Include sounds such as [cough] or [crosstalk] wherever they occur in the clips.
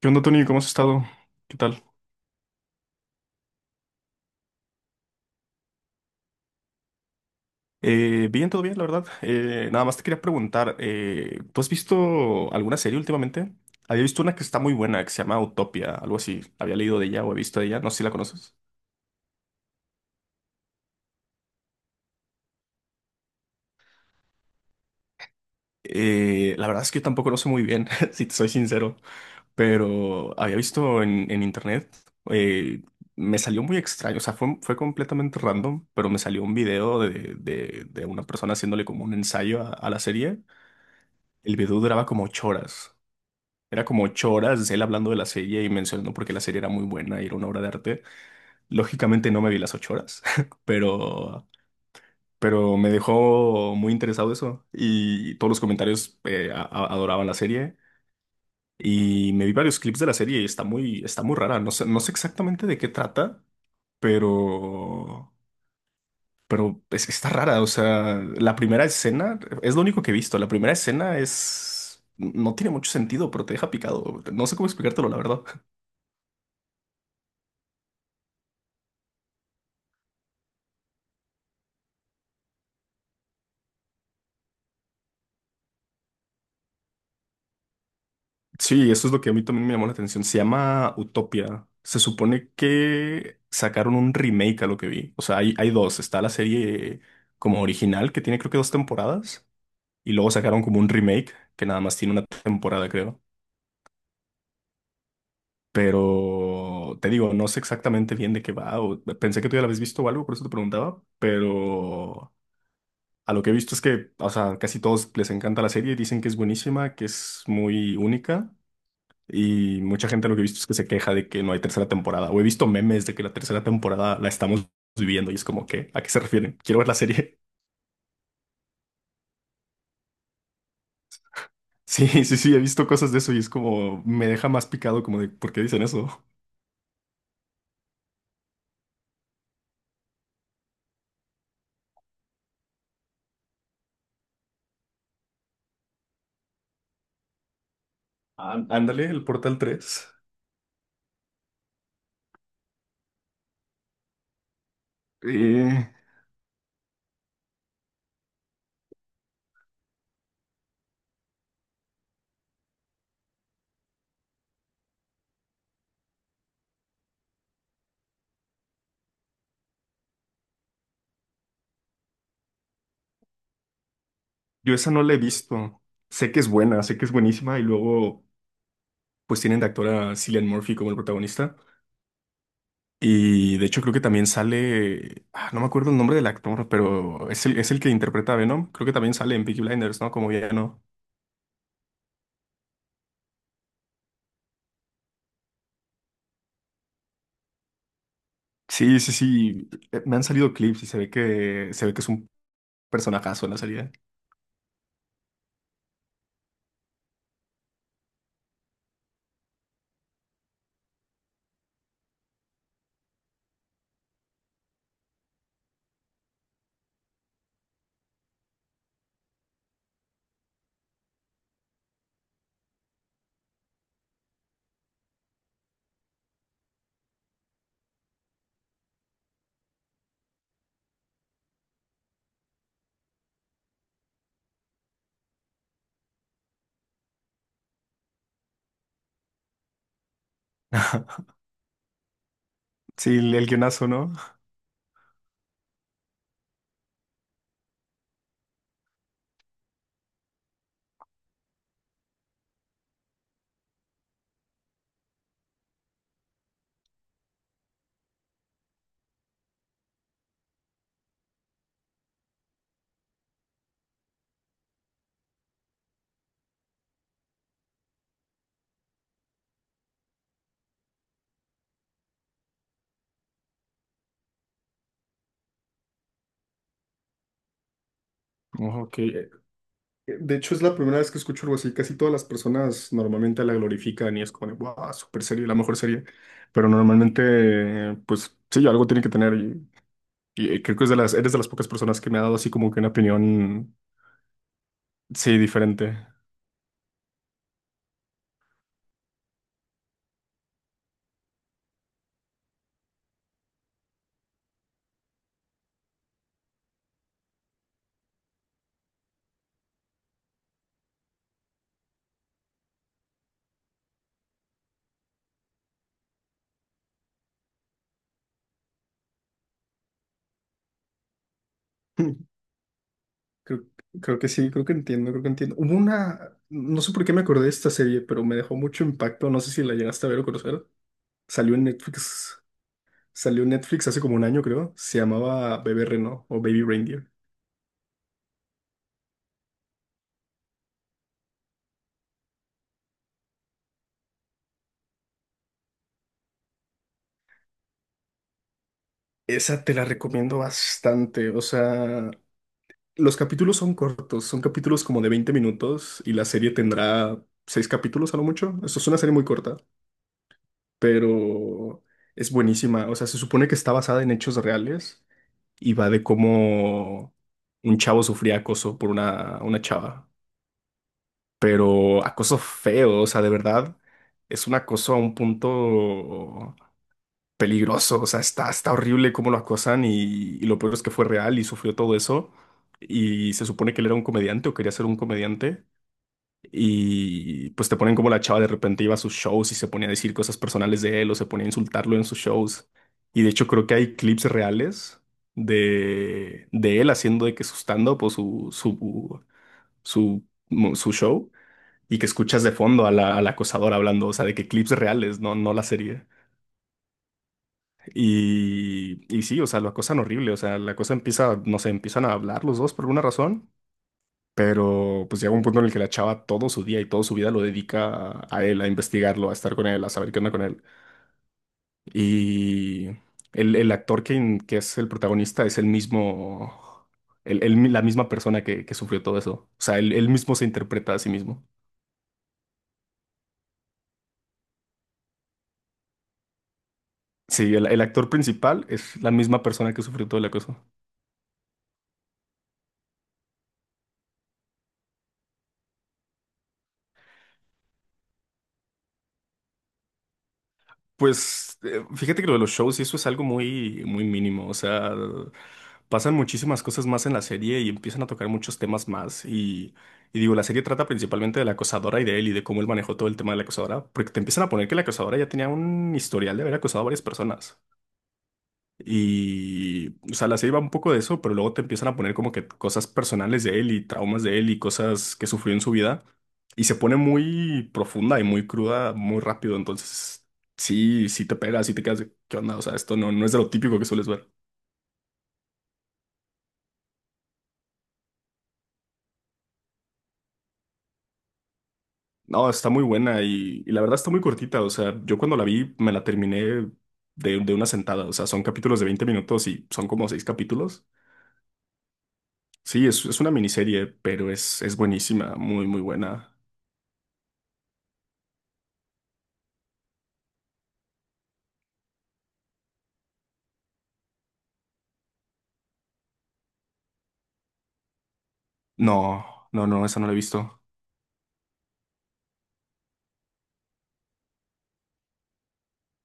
¿Qué onda, Tony? ¿Cómo has estado? ¿Qué tal? Bien, todo bien, la verdad. Nada más te quería preguntar, ¿tú has visto alguna serie últimamente? Había visto una que está muy buena, que se llama Utopia, algo así. Había leído de ella o he visto de ella, no sé si la conoces. La verdad es que yo tampoco lo sé muy bien, [laughs] si te soy sincero, pero había visto en internet, eh, me salió muy extraño, o sea, fue completamente random, pero me salió un video de una persona haciéndole como un ensayo a la serie. El video duraba como 8 horas. Era como 8 horas él hablando de la serie y mencionando por qué la serie era muy buena y era una obra de arte. Lógicamente no me vi las 8 horas, [laughs] pero, me dejó muy interesado eso. Y todos los comentarios adoraban la serie. Y me vi varios clips de la serie y está muy rara. No sé exactamente de qué trata, pero, pero está rara. O sea, la primera escena es lo único que he visto. La primera escena es. No tiene mucho sentido, pero te deja picado. No sé cómo explicártelo, la verdad. Sí, eso es lo que a mí también me llamó la atención. Se llama Utopia. Se supone que sacaron un remake a lo que vi. O sea, hay dos. Está la serie como original, que tiene creo que dos temporadas, y luego sacaron como un remake, que nada más tiene una temporada, creo. Pero te digo, no sé exactamente bien de qué va. Pensé que tú ya la habías visto o algo, por eso te preguntaba. Pero a lo que he visto es que, o sea, casi todos les encanta la serie, dicen que es buenísima, que es muy única. Y mucha gente lo que he visto es que se queja de que no hay tercera temporada. O he visto memes de que la tercera temporada la estamos viviendo y es como que, ¿a qué se refieren? Quiero ver la serie. [laughs] Sí, sí, sí, he visto cosas de eso y es como, me deja más picado como de, ¿por qué dicen eso? Ándale, el Portal tres. Eh, yo esa no la he visto. Sé que es buena, sé que es buenísima y luego pues tienen de actor a Cillian Murphy como el protagonista. Y de hecho creo que también sale, ah, no me acuerdo el nombre del actor, pero es el que interpreta a Venom. Creo que también sale en Peaky Blinders, ¿no? Como no. Sí, sí, sí. Me han salido clips y se ve que es un personajazo en la serie. [laughs] Sí, el guionazo, ¿no? Oh, ok. De hecho, es la primera vez que escucho algo así. Casi todas las personas normalmente la glorifican y es como, de, wow, super serie, la mejor serie. Pero normalmente, pues sí, algo tiene que tener. Creo que es de las, eres de las pocas personas que me ha dado así como que una opinión. Sí, diferente. [laughs] Creo, creo que sí, creo que entiendo. Hubo una, no sé por qué me acordé de esta serie, pero me dejó mucho impacto. No sé si la llegaste a ver o conocer. Salió en Netflix, salió en Netflix hace como un año, creo. Se llamaba Bebé Reno o Baby Reindeer. Esa te la recomiendo bastante. O sea, los capítulos son cortos, son capítulos como de 20 minutos y la serie tendrá seis capítulos a lo mucho. Esto es una serie muy corta, pero es buenísima. O sea, se supone que está basada en hechos reales. Y va de cómo un chavo sufría acoso por una chava, pero acoso feo, o sea, de verdad, es un acoso a un punto peligroso, o sea, está horrible cómo lo acosan y lo peor es que fue real y sufrió todo eso y se supone que él era un comediante o quería ser un comediante y pues te ponen como la chava de repente iba a sus shows y se ponía a decir cosas personales de él o se ponía a insultarlo en sus shows. Y de hecho creo que hay clips reales de él haciendo de que su stand-up o su, su show y que escuchas de fondo a la, al acosador hablando, o sea, de que clips reales, no, no la serie. Y sí, o sea, lo acosan horrible, o sea, la cosa empieza, no sé, empiezan a hablar los dos por alguna razón. Pero pues llega un punto en el que la chava todo su día y toda su vida lo dedica a él, a investigarlo, a estar con él, a saber qué onda con él. Y el actor que es el protagonista es el mismo, la misma persona que sufrió todo eso. O sea, él mismo se interpreta a sí mismo. Sí, el actor principal es la misma persona que sufrió todo el acoso. Pues fíjate que lo de los shows y eso es algo muy, muy mínimo. O sea, pasan muchísimas cosas más en la serie y empiezan a tocar muchos temas más. Y digo, la serie trata principalmente de la acosadora y de él y de cómo él manejó todo el tema de la acosadora, porque te empiezan a poner que la acosadora ya tenía un historial de haber acosado a varias personas. Y, o sea, la serie va un poco de eso, pero luego te empiezan a poner como que cosas personales de él y traumas de él y cosas que sufrió en su vida. Y se pone muy profunda y muy cruda muy rápido. Entonces, sí, sí te pega, sí te quedas de, ¿qué onda? O sea, esto no, no es de lo típico que sueles ver. No, está muy buena y la verdad está muy cortita. O sea, yo cuando la vi me la terminé de una sentada. O sea, son capítulos de 20 minutos y son como seis capítulos. Sí, es una miniserie, pero es buenísima, muy, muy buena. No, no, no, esa no la he visto.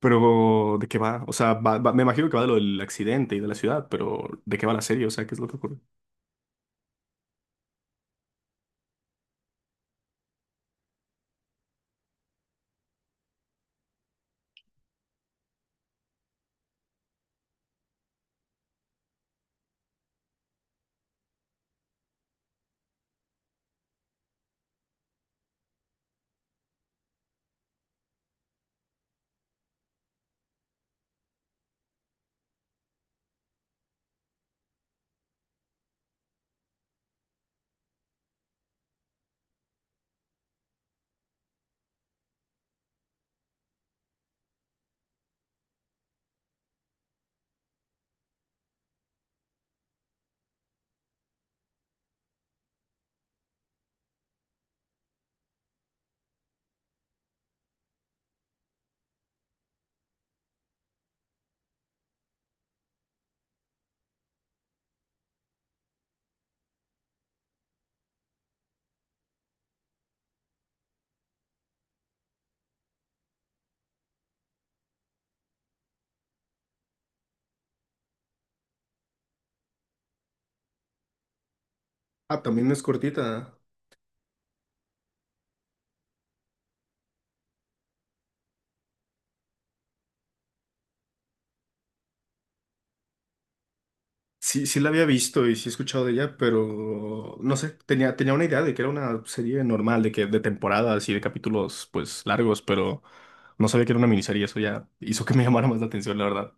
Pero, ¿de qué va? O sea, me imagino que va de lo del accidente y de la ciudad, pero ¿de qué va la serie? O sea, ¿qué es lo que ocurre? Ah, también es cortita. Sí, sí la había visto y sí he escuchado de ella, pero no sé, tenía una idea de que era una serie normal, de que de temporadas y de capítulos pues largos, pero no sabía que era una miniserie, eso ya hizo que me [laughs] llamara más la atención, la verdad.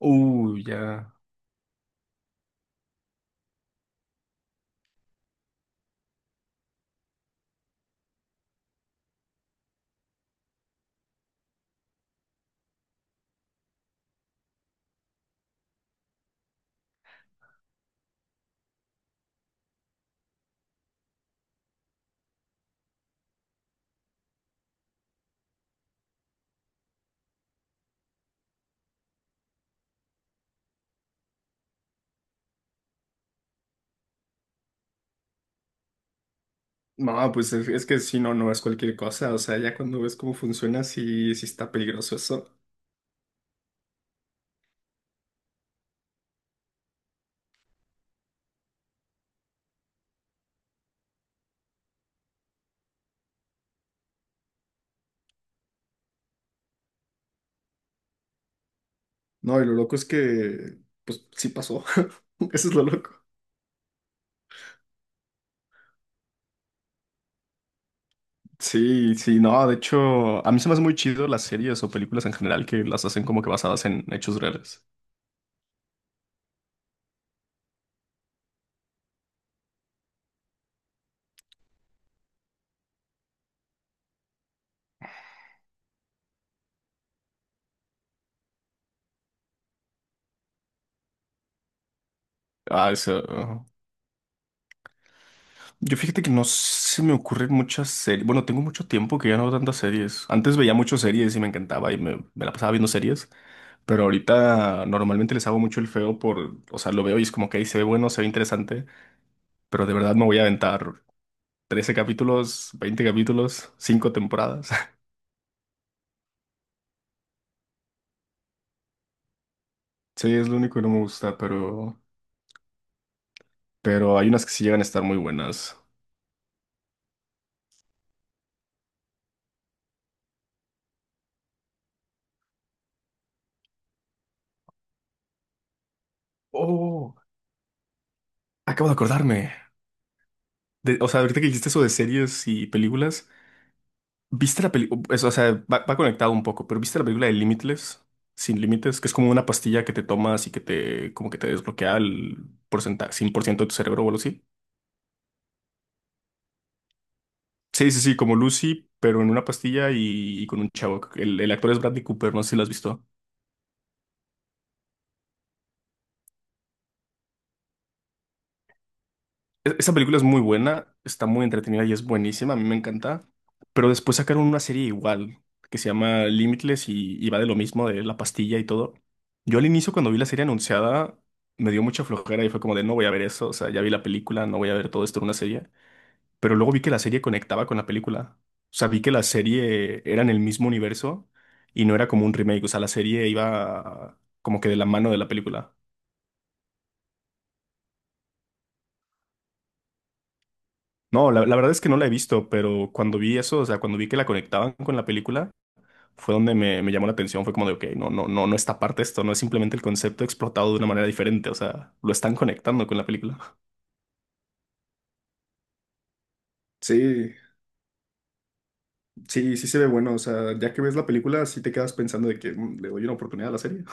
Uy, ya. No, pues es que si no, no es cualquier cosa, o sea, ya cuando ves cómo funciona, sí, sí está peligroso eso. No, y lo loco es que, pues sí pasó. [laughs] Eso es lo loco. Sí, sí, no, de hecho, a mí se me hace muy chido las series o películas en general que las hacen como que basadas en hechos reales. Ah, eso. Ajá. Yo fíjate que no se me ocurren muchas series. Bueno, tengo mucho tiempo que ya no veo tantas series. Antes veía muchas series y me encantaba y me la pasaba viendo series, pero ahorita normalmente les hago mucho el feo por, o sea, lo veo y es como que ahí se ve bueno, se ve interesante, pero de verdad me voy a aventar 13 capítulos, 20 capítulos, 5 temporadas. Sí, es lo único que no me gusta, pero, hay unas que sí llegan a estar muy buenas. Oh, acabo de acordarme. O sea, ahorita que dijiste eso de series y películas, ¿viste la película? O sea, va conectado un poco, pero ¿viste la película de Limitless? Sin límites, que es como una pastilla que te tomas y que te, como que te desbloquea el porcentaje, 100% de tu cerebro o algo así. Sí, sí, sí, como Lucy, pero en una pastilla y con un chavo. El actor es Bradley Cooper, no sé si lo has visto. Esa película es muy buena, está muy entretenida y es buenísima, a mí me encanta. Pero después sacaron una serie igual, que se llama Limitless y va de lo mismo, de la pastilla y todo. Yo al inicio cuando vi la serie anunciada me dio mucha flojera y fue como de no voy a ver eso, o sea, ya vi la película, no voy a ver todo esto en una serie. Pero luego vi que la serie conectaba con la película. O sea, vi que la serie era en el mismo universo y no era como un remake, o sea, la serie iba como que de la mano de la película. No, la verdad es que no la he visto, pero cuando vi eso, o sea, cuando vi que la conectaban con la película, fue donde me llamó la atención. Fue como de, ok, no, no, no, no está parte esto, no es simplemente el concepto explotado de una manera diferente, o sea, lo están conectando con la película. [laughs] Sí, sí, sí se ve bueno. O sea, ya que ves la película, sí te quedas pensando de que "Mm, le doy una oportunidad a la serie".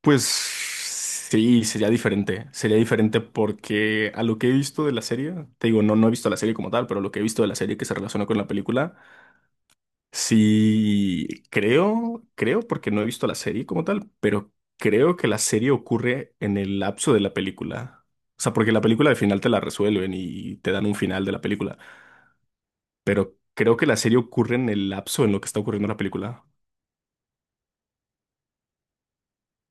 Pues sí, sería diferente porque a lo que he visto de la serie, te digo, no he visto la serie como tal, pero lo que he visto de la serie que se relaciona con la película. Sí, creo, porque no he visto la serie como tal, pero creo que la serie ocurre en el lapso de la película. O sea, porque la película al final te la resuelven y te dan un final de la película, pero creo que la serie ocurre en el lapso en lo que está ocurriendo la película.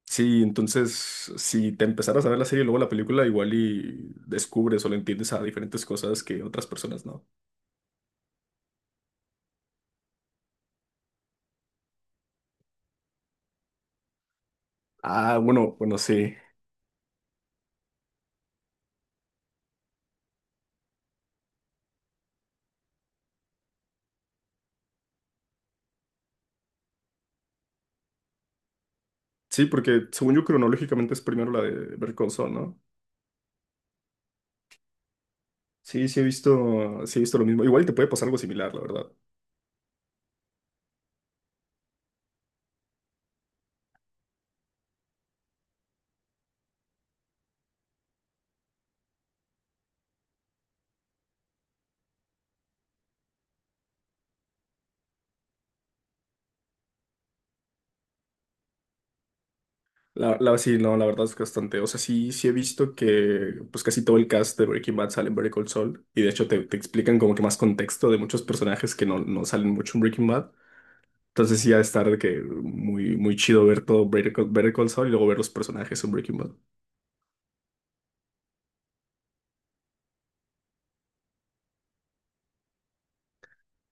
Sí, entonces, si te empezaras a ver la serie y luego la película, igual y descubres o le entiendes a diferentes cosas que otras personas no. Ah, bueno, bueno, sí. Sí, porque según yo cronológicamente es primero la de Better Call Saul, ¿no? Sí, sí he visto lo mismo. Igual te puede pasar algo similar, la verdad. Sí, no, la verdad es bastante. O sea, sí, sí he visto que pues casi todo el cast de Breaking Bad sale en Better Call Saul. Y de hecho te explican como que más contexto de muchos personajes que no salen mucho en Breaking Bad. Entonces sí ha de estar de que muy, muy chido ver todo Better Call Saul y luego ver los personajes en Breaking Bad.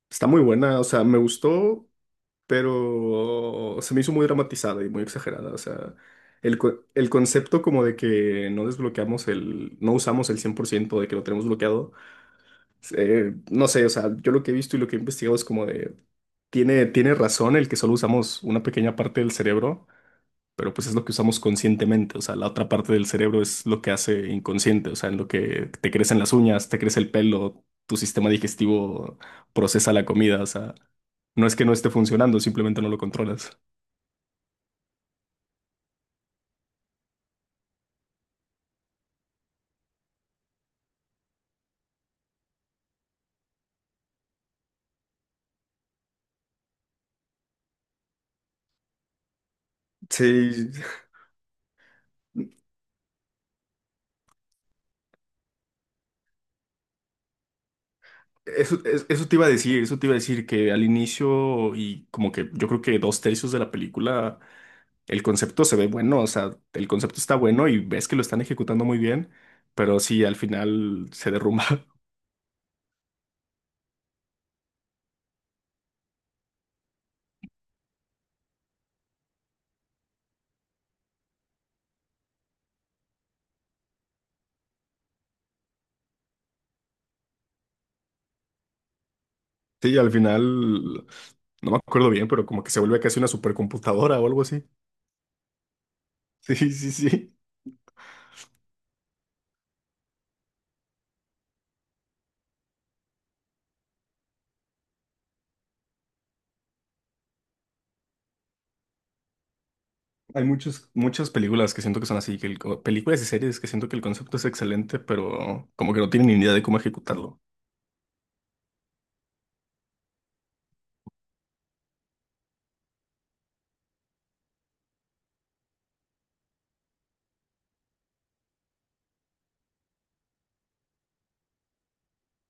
Está muy buena, o sea, me gustó pero se me hizo muy dramatizada y muy exagerada. O sea, el concepto como de que no desbloqueamos el, no usamos el 100% de que lo tenemos bloqueado, no sé, o sea, yo lo que he visto y lo que he investigado es como de, tiene razón el que solo usamos una pequeña parte del cerebro, pero pues es lo que usamos conscientemente, o sea, la otra parte del cerebro es lo que hace inconsciente, o sea, en lo que te crecen las uñas, te crece el pelo. Tu sistema digestivo procesa la comida, o sea, no es que no esté funcionando, simplemente no lo controlas. Sí, eso te iba a decir, eso te iba a decir que al inicio y como que yo creo que dos tercios de la película, el concepto se ve bueno, o sea, el concepto está bueno y ves que lo están ejecutando muy bien, pero sí, al final se derrumba. [laughs] Sí, al final, no me acuerdo bien, pero como que se vuelve casi una supercomputadora o algo así. [laughs] Sí, sí, sí. Hay muchas películas que siento que son así, que películas y series que siento que el concepto es excelente, pero como que no tienen ni idea de cómo ejecutarlo.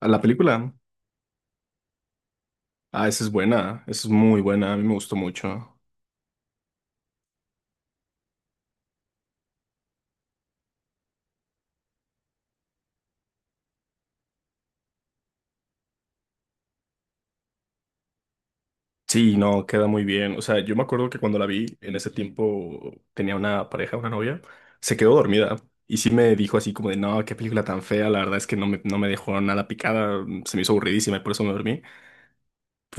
A la película. Ah, esa es buena, esa es muy buena, a mí me gustó mucho. Sí, no, queda muy bien. O sea, yo me acuerdo que cuando la vi, en ese tiempo tenía una pareja, una novia, se quedó dormida y sí me dijo así como de, no, qué película tan fea, la verdad es que no no me dejó nada picada, se me hizo aburridísima y por eso me dormí.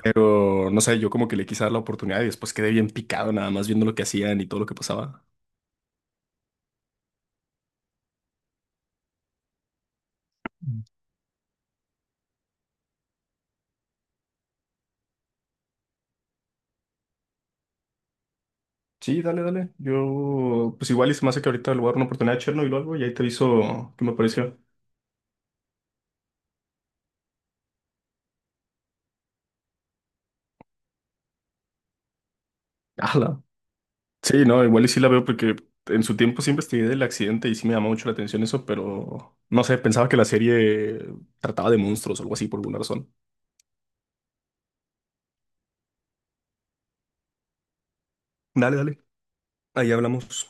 Pero, no sé, yo como que le quise dar la oportunidad y después quedé bien picado nada más viendo lo que hacían y todo lo que pasaba. Mm. Sí, dale, dale. Yo, pues igual y se me hace que ahorita le voy a dar una oportunidad a Chernobyl o algo y ahí te aviso qué me pareció. Hala. Sí, no, igual y sí la veo porque en su tiempo sí investigué del accidente y sí me llamó mucho la atención eso, pero no sé, pensaba que la serie trataba de monstruos o algo así por alguna razón. Dale, dale, ahí hablamos.